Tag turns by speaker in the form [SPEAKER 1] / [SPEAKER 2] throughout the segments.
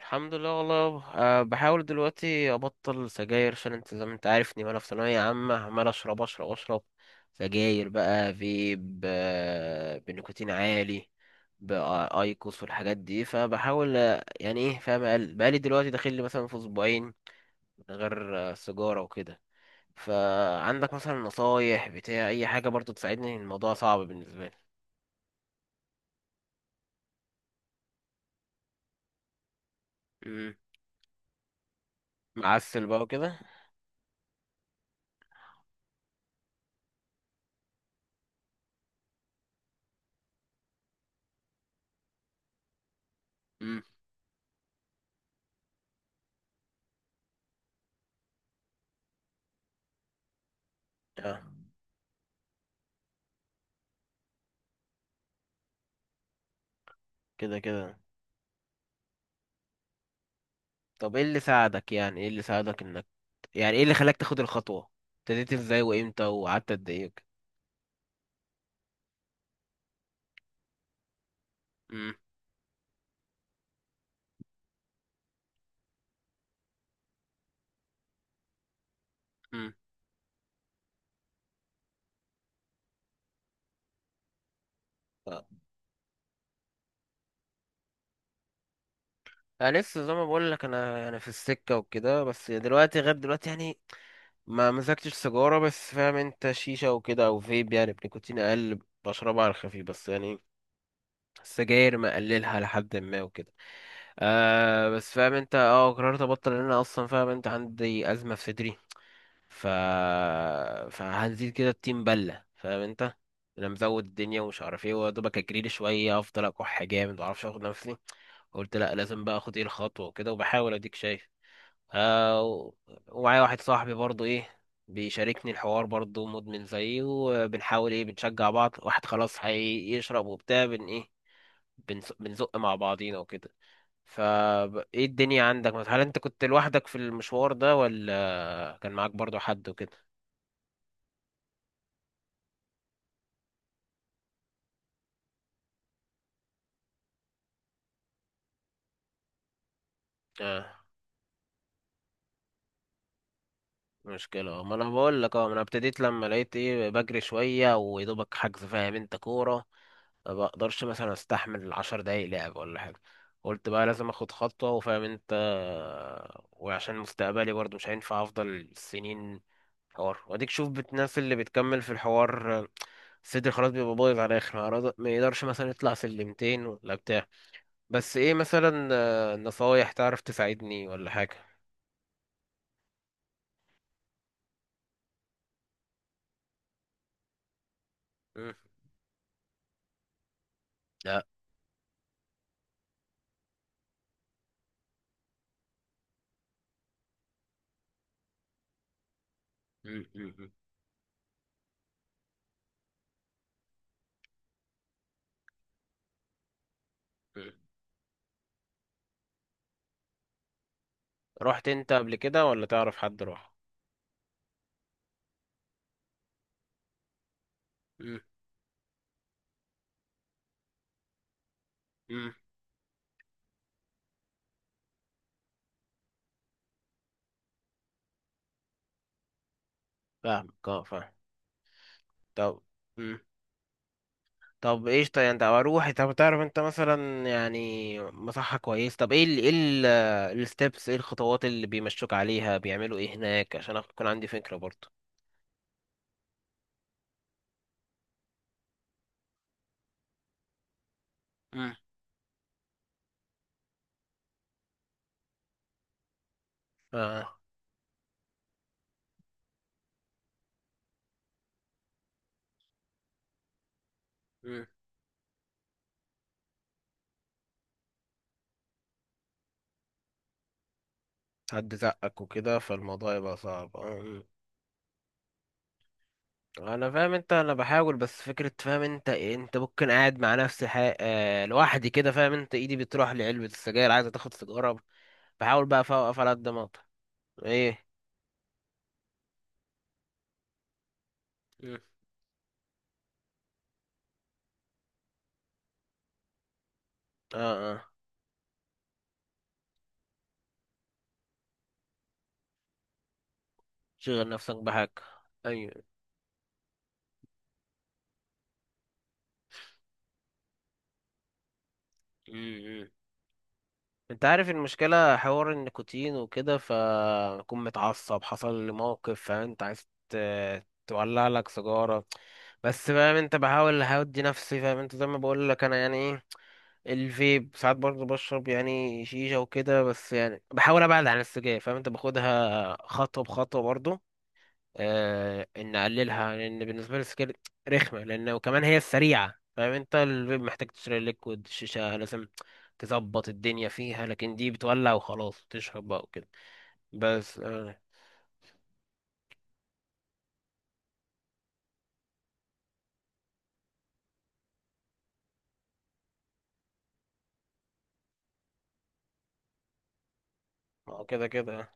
[SPEAKER 1] الحمد لله والله. بحاول دلوقتي ابطل سجاير عشان انت زي ما انت عارفني، وانا في ثانويه عامه عمال اشرب اشرب اشرب سجاير. بقى فيب بنيكوتين عالي بايكوس والحاجات دي. فبحاول يعني ايه فاهم بقالي دلوقتي داخل لي مثلا في اسبوعين من غير سيجاره وكده. فعندك مثلا نصايح بتاع اي حاجه برضو تساعدني؟ الموضوع صعب بالنسبه لي. مم. معسل بقى وكده. مم. اه كده كده. طب ايه اللي ساعدك، يعني ايه اللي ساعدك انك، يعني ايه اللي خلاك تاخد الخطوة؟ ابتديت ازاي وامتى وقعدت قد ايه وكده؟ امم. امم. انا لسه زي ما بقول لك، انا في السكة وكده بس دلوقتي غير دلوقتي يعني. ما مسكتش سيجارة بس فاهم انت شيشة وكده او فيب يعني بنيكوتين اقل، بشربها على الخفيف بس يعني. السجاير مقللها لحد ما وكده. آه بس فاهم انت اه قررت ابطل لان انا اصلا فاهم انت عندي ازمة في صدري. ف فهنزيد كده التيم بله فاهم انت. انا مزود الدنيا ومش عارف ايه ودوبك اجريلي شويه افضل اكح جامد معرفش اخد نفسي. قلت لا، لازم بقى اخد ايه الخطوه وكده، وبحاول اديك شايف. آه و- ومعايا واحد صاحبي برضو ايه، بيشاركني الحوار برضو مدمن زيي، وبنحاول ايه بنشجع بعض، واحد خلاص هيشرب وبتاع بن ايه، بنزق مع بعضينا وكده. فا ايه الدنيا عندك؟ هل انت كنت لوحدك في المشوار ده ولا كان معاك برضو حد وكده؟ آه. مشكلة، اه، ما انا بقول لك اه، ما انا ابتديت لما لقيت ايه بجري شوية ويدوبك حجز فاهم انت كورة. ما بقدرش مثلا استحمل عشر دقايق لعب ولا حاجة. قلت بقى لازم اخد خطوة وفاهم انت. وعشان مستقبلي برضو مش هينفع افضل سنين حوار، واديك شوف الناس اللي بتكمل في الحوار صدري خلاص بيبقى بايظ على الاخر، ما يقدرش مثلا يطلع سلمتين ولا بتاع. بس ايه مثلا نصايح تعرف تساعدني ولا حاجة؟ مم. لا. مم. مم. مم. رحت انت قبل كده ولا تعرف حد راح؟ امم. امم. فاهمك اه فاهم. طب. امم. طب ايش طيب انت اروح، طب تعرف انت مثلا يعني مصحة كويس، طب ايه ال ايه ال الستبس، ايه الخطوات اللي بيمشوك عليها، بيعملوا ايه هناك عشان اكون عندي فكرة برضه؟ مم. اه. مم. حد زقك وكده فالموضوع يبقى صعب اه. مم. انا فاهم انت انا بحاول بس فكرة فاهم انت إيه، انت ممكن قاعد مع نفسي حي... آه لوحدي كده فاهم انت ايدي بتروح لعلبة السجاير عايزة تاخد سيجارة. بحاول بقى أفوقف على قد ما أقدر. إيه؟ مم. آه. آه شغل نفسك بحاجة. ايوه. مم، مم. أنت عارف المشكلة حوار النيكوتين وكده فأكون متعصب حصل لي موقف فأنت عايز تولع لك سيجارة. بس فاهم أنت بحاول هودي نفسي فاهم أنت زي ما بقول لك أنا يعني إيه. الفيب ساعات برضه بشرب يعني شيشة وكده بس يعني بحاول أبعد عن السجاير فاهم أنت باخدها خطوة بخطوة برضه. آه ان نقللها لان بالنسبه لي السجاير رخمه لان وكمان هي السريعه فاهم انت. الفيب محتاج تشتري ليكويد شيشه لازم تظبط الدنيا فيها، لكن دي بتولع وخلاص تشرب بقى وكده. بس آه. ما هو كده كده.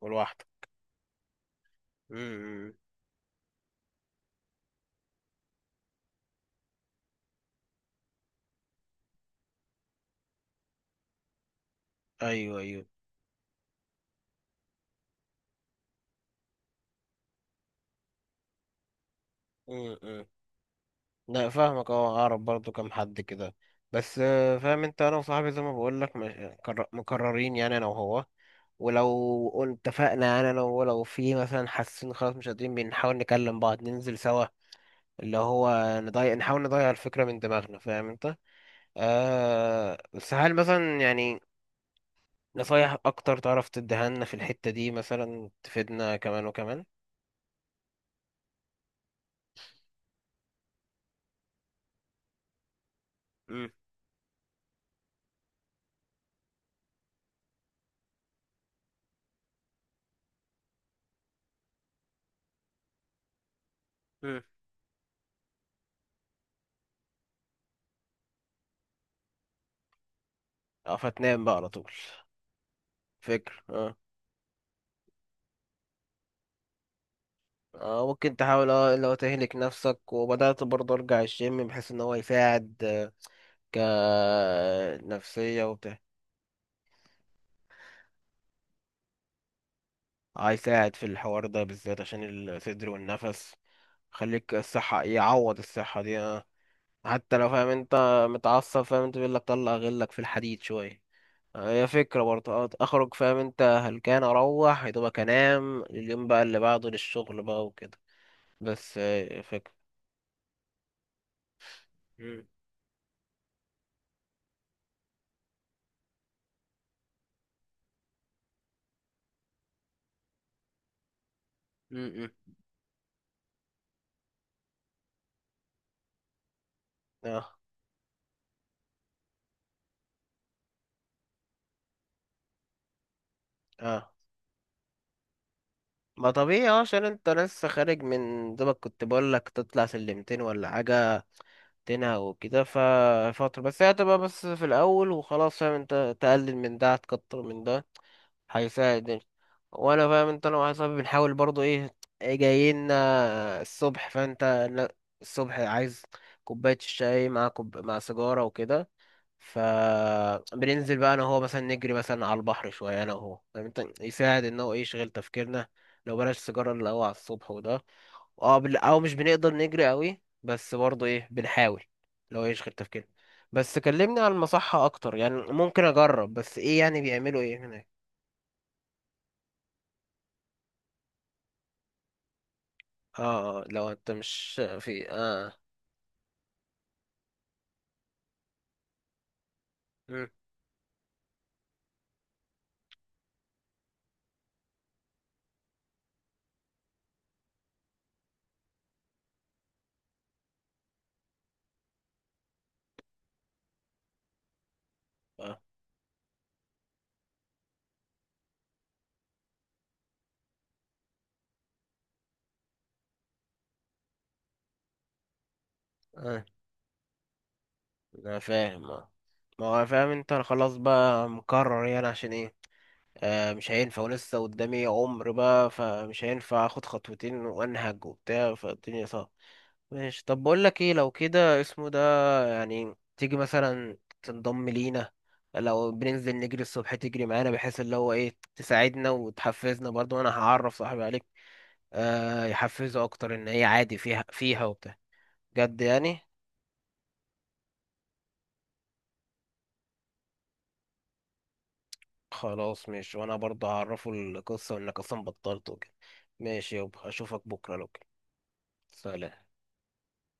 [SPEAKER 1] والواحده. امم. ايوه ايوه. م. لا فاهمك اه، اعرف برضو كام حد كده. بس فاهم انت انا وصاحبي زي ما بقول لك مكررين، يعني انا وهو. ولو اتفقنا يعني انا وهو لو في مثلا حاسين خلاص مش قادرين بنحاول نكلم بعض ننزل سوا، اللي هو نضيع نحاول نضيع الفكرة من دماغنا فاهم انت. آه بس هل مثلا يعني نصايح اكتر تعرف تديها لنا في الحتة دي مثلا تفيدنا كمان وكمان؟ امم. امم. اه فتنام بقى على طول. فكر آه. ممكن تحاول اه لو تهلك نفسك وبدأت برضه ارجع الجيم بحيث ان هو يساعد كنفسية وبتاع. هيساعد في الحوار ده بالذات عشان الصدر والنفس، خليك الصحة يعوض الصحة دي آه. حتى لو فاهم انت متعصب فاهم انت بيقول لك طلع غلك في الحديد شوية. هي فكرة برضه، اخرج فاهم انت هلكان اروح يا دوبك انام اليوم بقى اللي بعده للشغل بقى وكده. بس فكرة. مم. مم. اه. اه ما طبيعي اه عشان انت لسه خارج من دوبك، كنت بقول لك تطلع سلمتين ولا حاجة. تنها وكده ففترة بس، هي هتبقى بس في الأول وخلاص فاهم انت، تقلل من ده هتكتر من ده هيساعد يعني. وانا فاهم انت انا وواحد صاحبي بنحاول برضو ايه، ايه جايين الصبح فانت. لا، الصبح عايز كوباية الشاي مع سيجارة وكده. فبننزل بقى انا وهو مثلا نجري مثلا على البحر شويه انا وهو فاهم انت، يساعد ان هو ايه يشغل تفكيرنا لو بلاش سيجاره اللي هو على الصبح وده. اه، او مش بنقدر نجري قوي بس برضه ايه بنحاول لو يشغل تفكيرنا. بس كلمني عن المصحه اكتر، يعني ممكن اجرب بس ايه يعني بيعملوا ايه هناك؟ اه. لو انت مش في اه. مم. اه. اه. انا فاهم اه. ما هو فاهم انت أنا خلاص بقى مكرر يعني عشان ايه، مش هينفع ولسه قدامي عمر بقى فمش هينفع اخد خطوتين وانهج وبتاع، فالدنيا صعبة. ماشي. طب بقول لك ايه لو كده اسمه ده، يعني تيجي مثلا تنضم لينا، لو بننزل نجري الصبح تجري معانا بحيث اللي هو ايه تساعدنا وتحفزنا برضو. انا هعرف صاحبي عليك آه يحفزه اكتر ان هي عادي فيها فيها وبتاع. جد يعني. خلاص ماشي، وانا برضو هعرفه القصة وانك اصلا بطلت وكده. ماشي يابا، اشوفك بكرة لو كده. سلام.